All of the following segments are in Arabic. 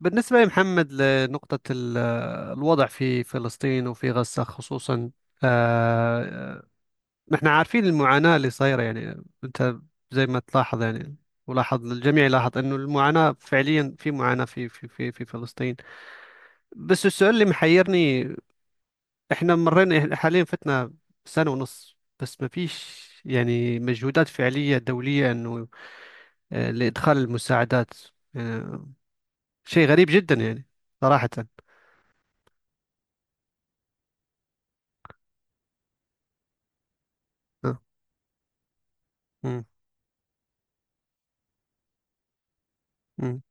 بالنسبة لمحمد لنقطة ال- الوضع في فلسطين وفي غزة خصوصا. آه، نحن عارفين المعاناة اللي صايرة أنت زي ما تلاحظ ولاحظ الجميع، لاحظ أنه المعاناة فعليا في معاناة في فلسطين. بس السؤال اللي محيرني، إحنا مرينا حاليا، فتنا سنة ونص بس ما فيش مجهودات فعلية دولية أنه، لإدخال المساعدات. آه، شيء غريب جدا يعني، صراحة. آه، مم، مم.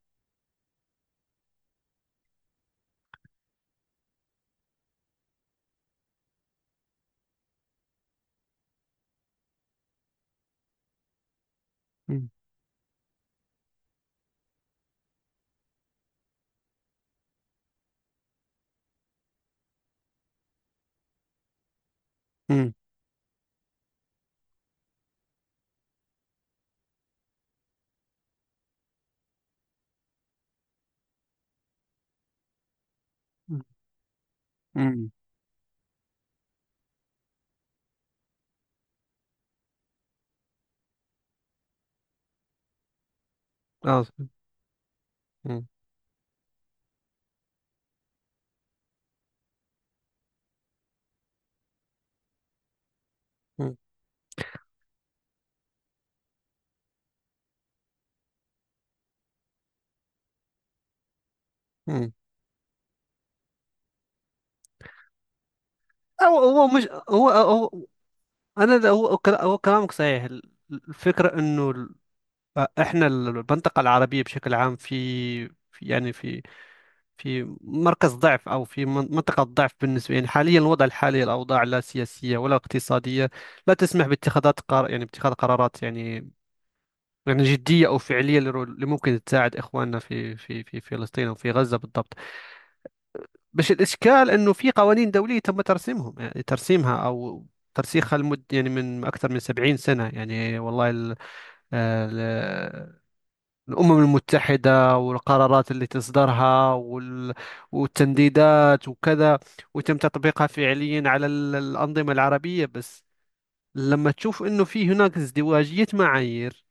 مم. مم. مم. اه مم. مم. مم. هو هو مش هو هو انا ده- هو كلا- هو كلامك صحيح. ال- الفكره انه ال- احنا ال- المنطقه العربيه بشكل عام في في- يعني في في مركز ضعف، او في منطقه ضعف بالنسبه، يعني حاليا الوضع الحالي، الاوضاع لا سياسيه ولا اقتصاديه لا تسمح باتخاذات قرار، يعني باتخاذ قرارات يعني، يعني جديه او فعليه، اللي اللي ممكن تساعد اخواننا في فلسطين او في غزه بالضبط. بس الإشكال أنه في قوانين دولية تم ترسيمهم، يعني ترسيمها أو ترسيخها لمدة يعني من أكثر من سبعين سنة. يعني والله ال ال الأمم المتحدة والقرارات اللي تصدرها وال والتمديدات وكذا، وتم تطبيقها فعليا على ال- الأنظمة العربية. بس لما تشوف أنه في هناك ازدواجية معايير،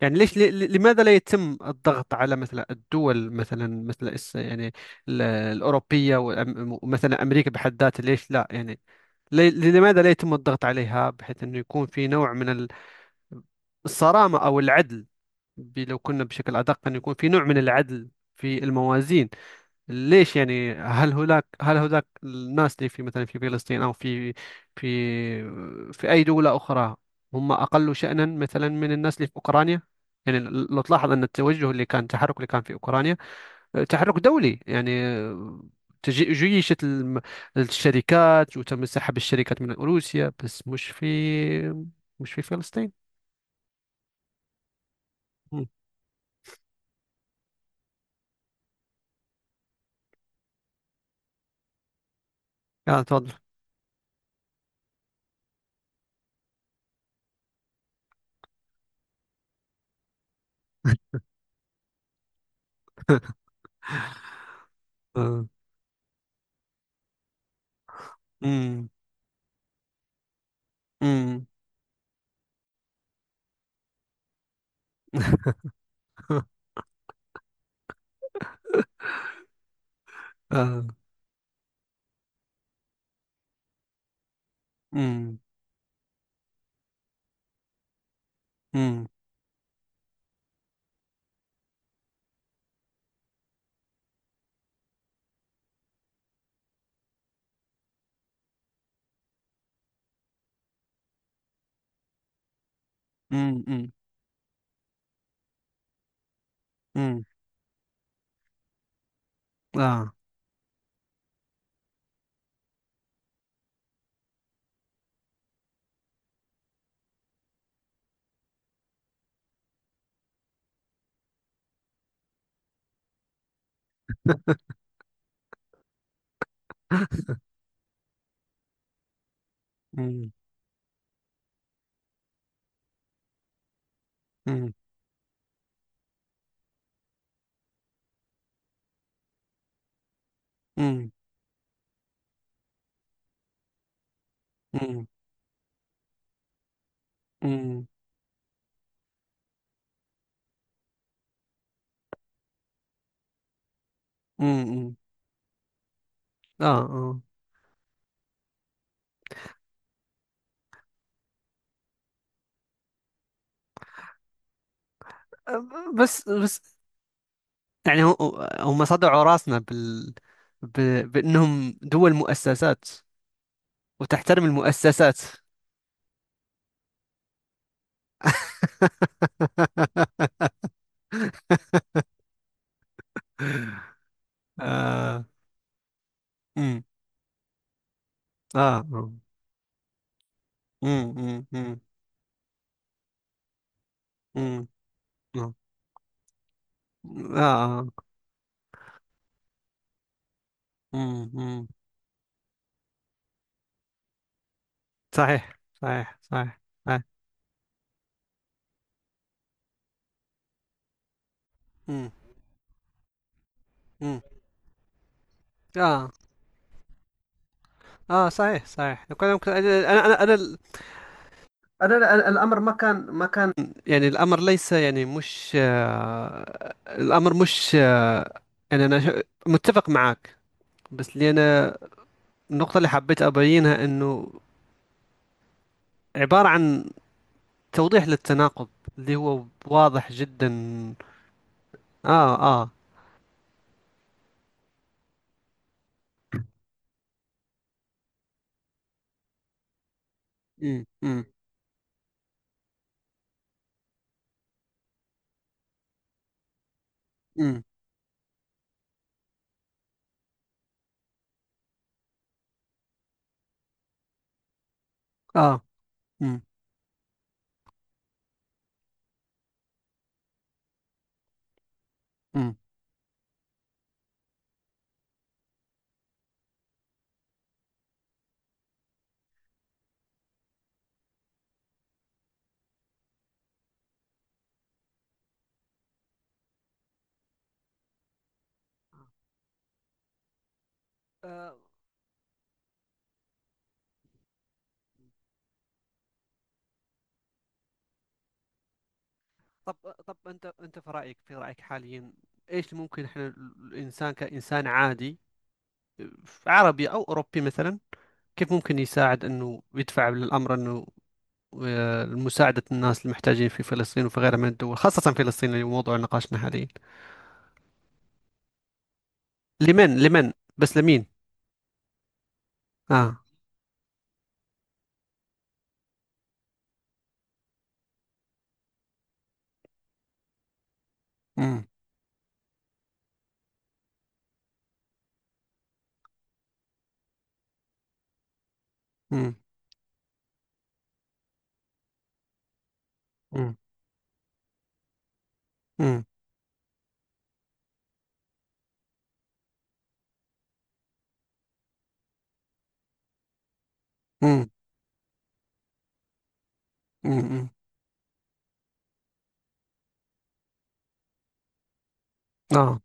يعني ليش لماذا لا يتم الضغط على مثلا الدول، مثلا مثل يعني ال- الأوروبية ومثلا أمريكا بحد ذاتها. ليش لا يعني، لماذا لا يتم الضغط عليها بحيث أنه يكون في نوع من ال- الصرامة أو العدل، لو كنا بشكل أدق، أن يكون في نوع من العدل في الموازين. ليش يعني، هل هناك الناس اللي في مثلا في فلسطين او في في في اي دولة اخرى، هم اقل شأنا مثلا من الناس اللي في اوكرانيا؟ يعني لو تلاحظ ان التوجه اللي كان، التحرك اللي كان في اوكرانيا، تحرك دولي يعني، جيشت الشركات، وتم سحب الشركات من روسيا، بس مش في مش في فلسطين. مم. اه، تفضل. آه. مم. مم. آه. مم. مم. مم. مم. امم اه امم امم امم امم امم امم اه اه بس بس، يعني هم صدعوا راسنا بال، ب... بأنهم دول مؤسسات وتحترم المؤسسات. آه أمم، آه آه أمم، أمم، أمم، أمم، آه آه آه، أمم، أمم. صحيح. صحيح صحيح. صحيح. أمم، أمم. آه اه صحيح صحيح. لو كان ممكن، انا ال- انا ال- الامر ما كان ما كان، يعني الامر ليس يعني مش آه الامر مش آه يعني انا متفق معك. بس اللي انا، النقطة اللي حبيت ابينها انه عبارة عن توضيح للتناقض اللي هو واضح جدا. اه اه. امم امم امم اه امم امم آه، طب طب، انت في رايك في رايك حاليا، ايش ممكن احنا، الانسان كانسان عادي، عربي أو أوروبي مثلا، كيف ممكن يساعد أنه يدفع للأمر أنه، مساعدة الناس المحتاجين في فلسطين وفي غيرها من الدول، خاصة فلسطين اللي هو موضوع نقاشنا حاليا. لمن، لمن بس، لمين؟ آه مم. مم. مم. مم. مم. مم. آه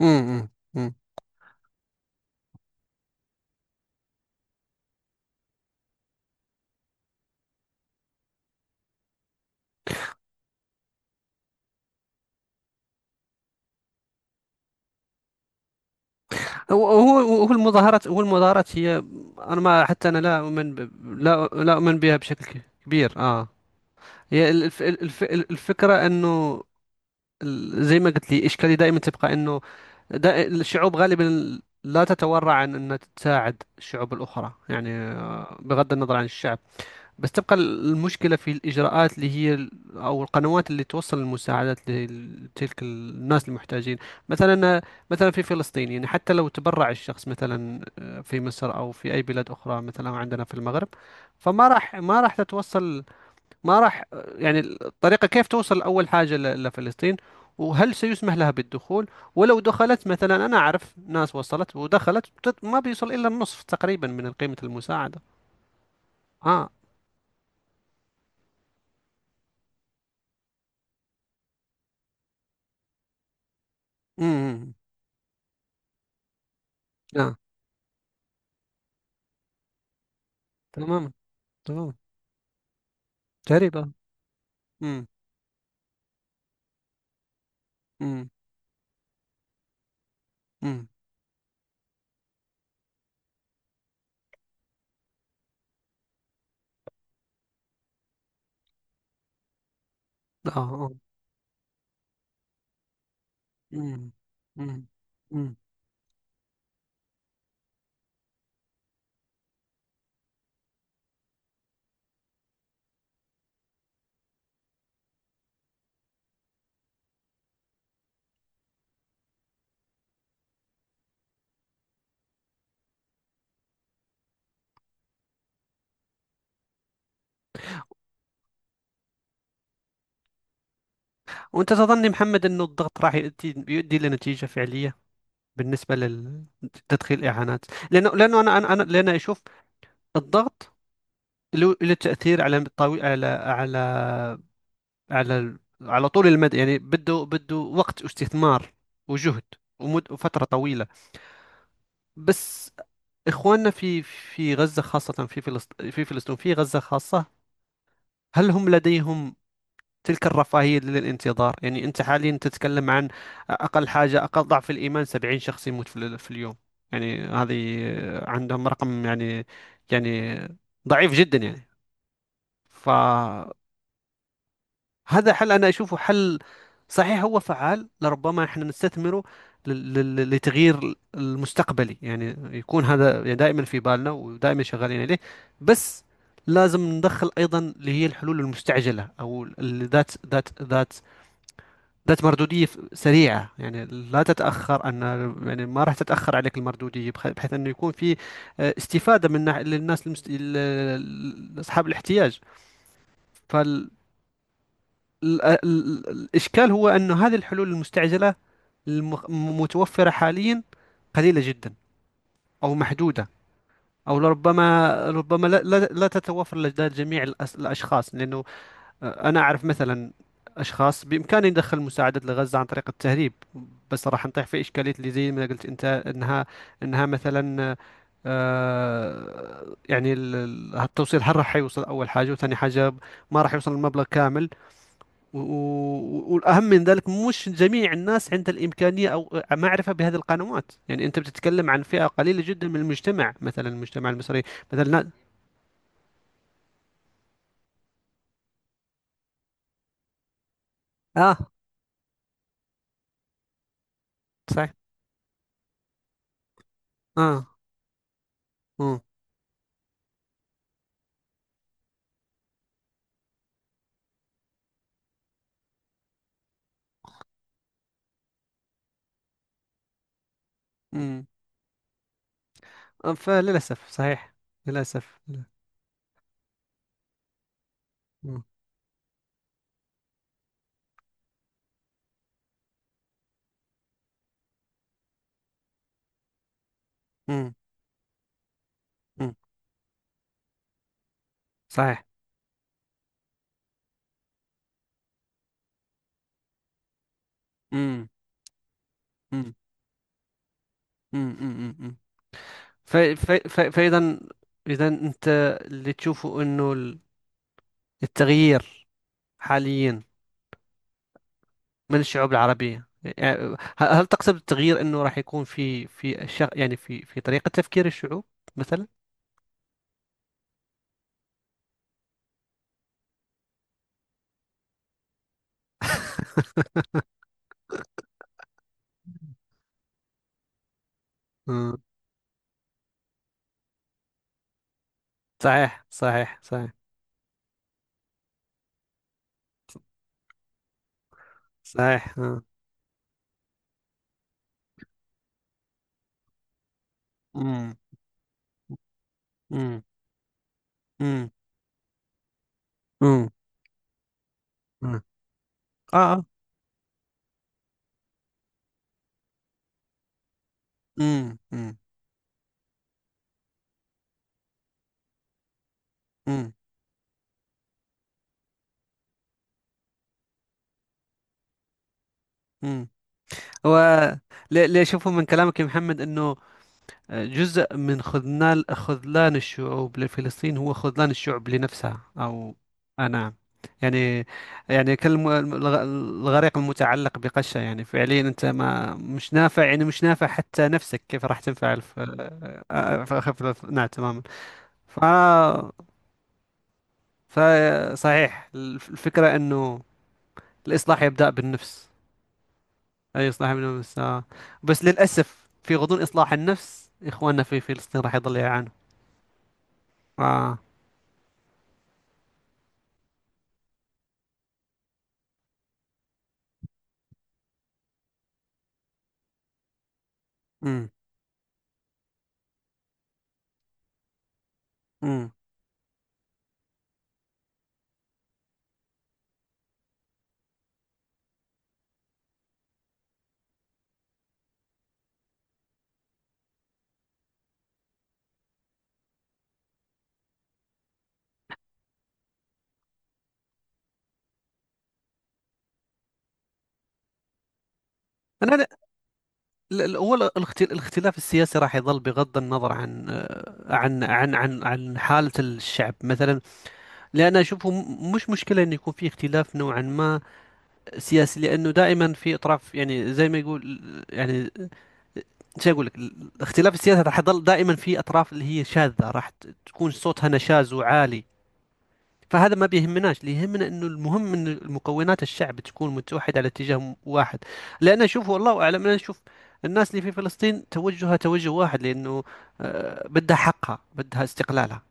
مم. مم. مم. هو المظاهرات هي، أنا ما، حتى أنا لا أؤمن ب... لا لا أؤمن بها بشكل كبير. هي الفكرة أنه ال- زي ما قلت لي إشكالي دائما تبقى أنه، ده الشعوب غالبا لا تتورع عن أن تساعد الشعوب الأخرى بغض النظر عن الشعب. بس تبقى المشكلة في الإجراءات اللي هي ال- أو القنوات اللي توصل المساعدات لتلك الناس المحتاجين. مثلا، مثلا في فلسطين حتى لو تبرع الشخص مثلا، في مصر أو في أي بلاد أخرى، مثلا عندنا في المغرب. فما راح، ما راح تتوصل. ما راح، يعني الطريقة كيف توصل؟ أول حاجة، ل- لفلسطين، وهل سيسمح لها بالدخول؟ ولو دخلت مثلا، أنا أعرف ناس وصلت ودخلت، ما بيوصل إلا النصف تقريبا من قيمة المساعدة. آه أمم آه تمام. تمام تقريبا. أمم أمم أمم آه آه أمم أمم أمم وأنت تظني محمد أنه الضغط راح يؤدي يؤدي لنتيجة فعلية بالنسبة لل- لتدخيل إعانات؟ لأنه لأنه لأن أشوف الضغط له له تأثير على على على على على طول المدى بده بده وقت واستثمار وجهد ومد وفترة طويلة. بس إخواننا في في غزة خاصة، في فلسطين في فلسطين، في غزة خاصة، هل هم لديهم تلك الرفاهية للانتظار؟ يعني أنت حاليا تتكلم عن أقل حاجة، أقل ضعف الإيمان، 70 شخص يموت في اليوم. يعني هذه عندهم رقم يعني، يعني ضعيف جدا يعني. ف هذا حل، أنا أشوفه حل صحيح هو فعال، لربما احنا نستثمره لل- لل- لتغيير المستقبلي، يعني يكون هذا يعني دائما في بالنا ودائما شغالين عليه. بس لازم ندخل أيضا اللي هي الحلول المستعجلة، أو اللي ذات ذات مردودية سريعة، يعني لا تتأخر أن، يعني ما راح تتأخر عليك المردودية، بحيث أنه يكون في، استفادة من للناس ال- ال- أصحاب الاحتياج. ال- ال- الإشكال هو أن هذه الحلول المستعجلة المتوفرة حاليا قليلة جدا، أو محدودة، أو لربما، ربما لا تتوفر لدى جميع الأشخاص. لأنه، أنا أعرف مثلا أشخاص بإمكاني ندخل مساعدات لغزة عن طريق التهريب، بس راح نطيح في إشكالية اللي زي ما قلت أنت، أنها أنها مثلا، ال- ال- التوصيل، هل راح يوصل؟ أول حاجة وثاني حاجة، ما راح يوصل المبلغ كامل. و- و- والأهم من ذلك، مش جميع الناس عندها الإمكانية أو معرفة بهذه القنوات. يعني أنت بتتكلم عن فئة قليلة جدا من المجتمع، مثلا المجتمع المصري. مثلا آه، صحيح. آه مم. مم. فللأسف صحيح، للأسف لا. مم. مم. مم. صحيح. مم. مم. مم. مم. مم. فإذا، إذا أنت اللي تشوفه أنه التغيير حاليا من الشعوب العربية يعني، هل هل تقصد التغيير أنه راح يكون في في يعني في في طريقة تفكير الشعوب مثلا؟ مم. صحيح صحيح صحيح صحيح. آه. مم. مم. مم. مم. مم. آه آه. مم. مم. مم. مم. هو اللي اللي أشوفه من كلامك يا محمد أنه، جزء من خذلان خذلان الشعوب لفلسطين هو خذلان الشعوب لنفسها أو، آه نعم. يعني، يعني الغريق المتعلق بقشة. يعني فعليا أنت ما مش نافع، يعني مش نافع حتى نفسك، كيف راح تنفع نعم، تماما. ف... فصحيح، الفكرة أنه الإصلاح يبدأ بالنفس، أي إصلاح بالنفس. آه. بس للأسف في غضون إصلاح النفس إخواننا في فلسطين راح يضل يعانوا. آه. امم انا لا، هو الاختلاف السياسي راح يظل بغض النظر عن، عن حالة الشعب مثلا. لان اشوفه مش مشكلة انه يكون في اختلاف نوعا ما سياسي، لانه دائما في اطراف يعني، زي ما يقول، يعني شو اقول لك، الاختلاف السياسي راح يظل دائما. في اطراف اللي هي شاذة راح تكون صوتها نشاز وعالي، فهذا ما بيهمناش. اللي يهمنا انه، المهم ان مكونات الشعب تكون متوحده على اتجاه واحد. لان اشوف، والله اعلم، انا اشوف الناس اللي في فلسطين توجهها توجه واحد، لانه بدها حقها بدها استقلالها.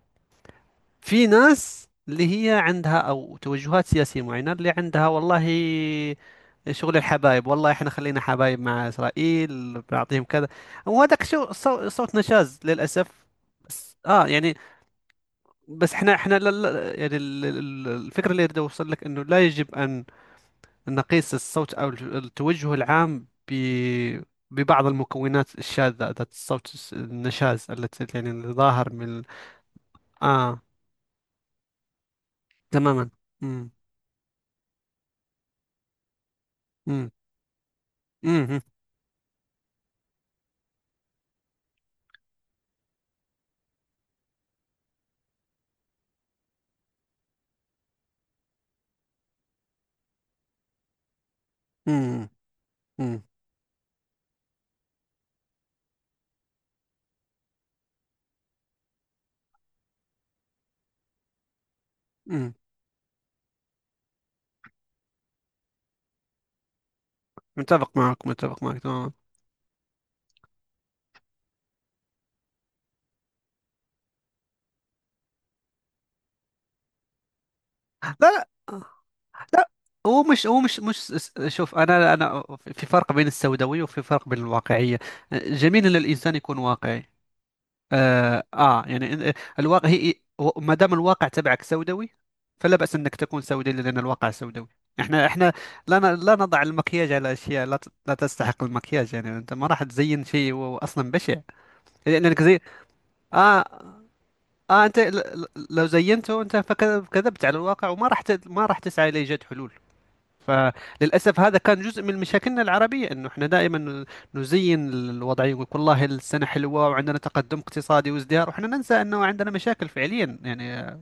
في ناس اللي هي عندها او توجهات سياسيه معينه، اللي عندها والله شغل الحبايب، والله احنا خلينا حبايب مع اسرائيل بنعطيهم كذا، وهذاك شو صوت نشاز للاسف. بس اه يعني، بس احنا احنا لا لا يعني، ال- ال- الفكره اللي اريد اوصل لك انه، لا يجب ان نقيس الصوت او التوجه العام ب ببعض المكونات الشاذة ذات الصوت النشاز، التي يعني اللي ظاهر من ال- اه. تماما. امم امم امم امم امم أمم. متفق معك، متفق معك تماما. لا لا لا، هو مش هو مش شوف، انا انا في فرق بين السوداوية وفي فرق بين الواقعية. جميل ان الانسان يكون واقعي. آه, آه يعني إن- إيه، الواقع هي، ما دام الواقع تبعك سوداوي فلا بأس أنك تكون سوداوي، لأن الواقع سوداوي. احنا احنا لا لا نضع المكياج على اشياء لا لا تستحق المكياج. يعني انت ما راح تزين شيء هو اصلا بشع. لانك زي، اه اه، انت لو زينته انت فكذبت على الواقع، وما راح ما راح تسعى لايجاد حلول. فللأسف هذا كان جزء من مشاكلنا العربية، أنه إحنا دائما نزين الوضعية ويقول والله السنة حلوة وعندنا تقدم اقتصادي وازدهار، وإحنا ننسى أنه عندنا مشاكل فعليا يعني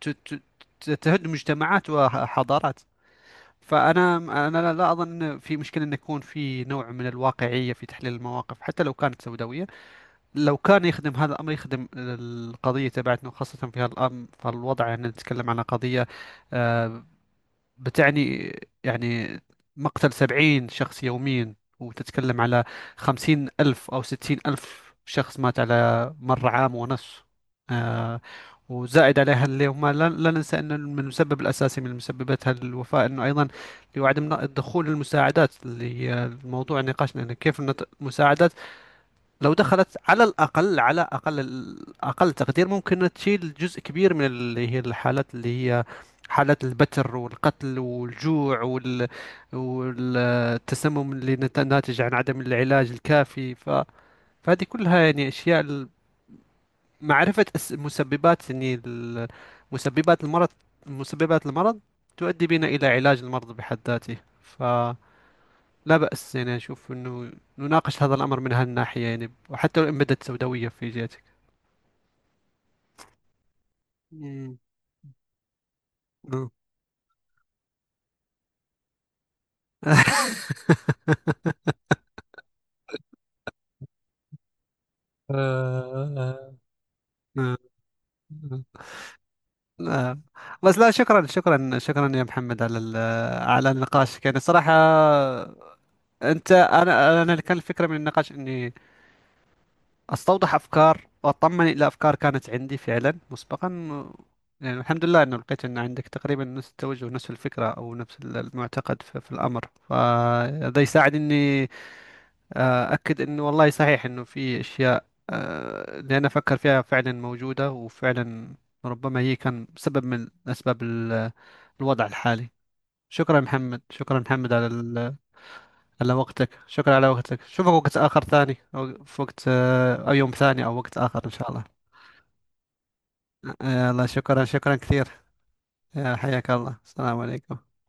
ت- ت- تهد مجتمعات وحضارات. فأنا، أنا لا أظن أن في مشكلة أن يكون في نوع من الواقعية في تحليل المواقف، حتى لو كانت سوداوية. لو كان يخدم هذا الأمر، يخدم القضية تبعتنا، وخاصة في هذا الأمر. فالوضع أن نتكلم عن قضية، آه، بتعني يعني مقتل سبعين شخص يوميا، وتتكلم على خمسين ألف أو ستين ألف شخص مات على مر عام ونص. آه، وزائد عليها اللي هم لا ننسى أن من المسبب الأساسي من مسببات الوفاة أنه أيضا لعدم دخول المساعدات، اللي هي الموضوع نقاشنا أنه كيف المساعدات لو دخلت على الأقل على أقل، أقل تقدير ممكن تشيل جزء كبير من اللي هي الحالات، اللي هي حالات البتر والقتل والجوع وال... والتسمم اللي ناتج عن عدم العلاج الكافي. ف... فهذه كلها يعني أشياء ال- معرفة مسببات يعني مسببات المرض مسببات المرض تؤدي بنا إلى علاج المرض بحد ذاته. ف لا بأس يعني، أشوف أنه نناقش هذا الأمر من هالناحية، يعني وحتى لو إن بدت سوداوية في جهتك. مم. آه. آه. آه. آه. بس لا، شكرا شكرا شكرا يا محمد على ال- على النقاش يعني صراحة. أنت، أنا أنا اللي كان الفكرة من النقاش إني استوضح افكار واطمن الى افكار كانت عندي فعلا مسبقا. يعني الحمد لله انه لقيت ان عندك تقريبا نفس التوجه، نفس الفكره، او نفس ال- المعتقد في, في الامر. فهذا يساعد اني، اكد انه والله صحيح انه في اشياء، اللي انا افكر فيها فعلا موجوده، وفعلا ربما هي كان سبب من اسباب ال- الوضع الحالي. شكرا محمد، شكرا محمد على ال- على وقتك، شكرا على وقتك. شوفك وقت آخر ثاني، أو في وقت، أو يوم ثاني أو وقت آخر إن شاء الله. الله، شكرا شكرا كثير. حياك الله، السلام عليكم.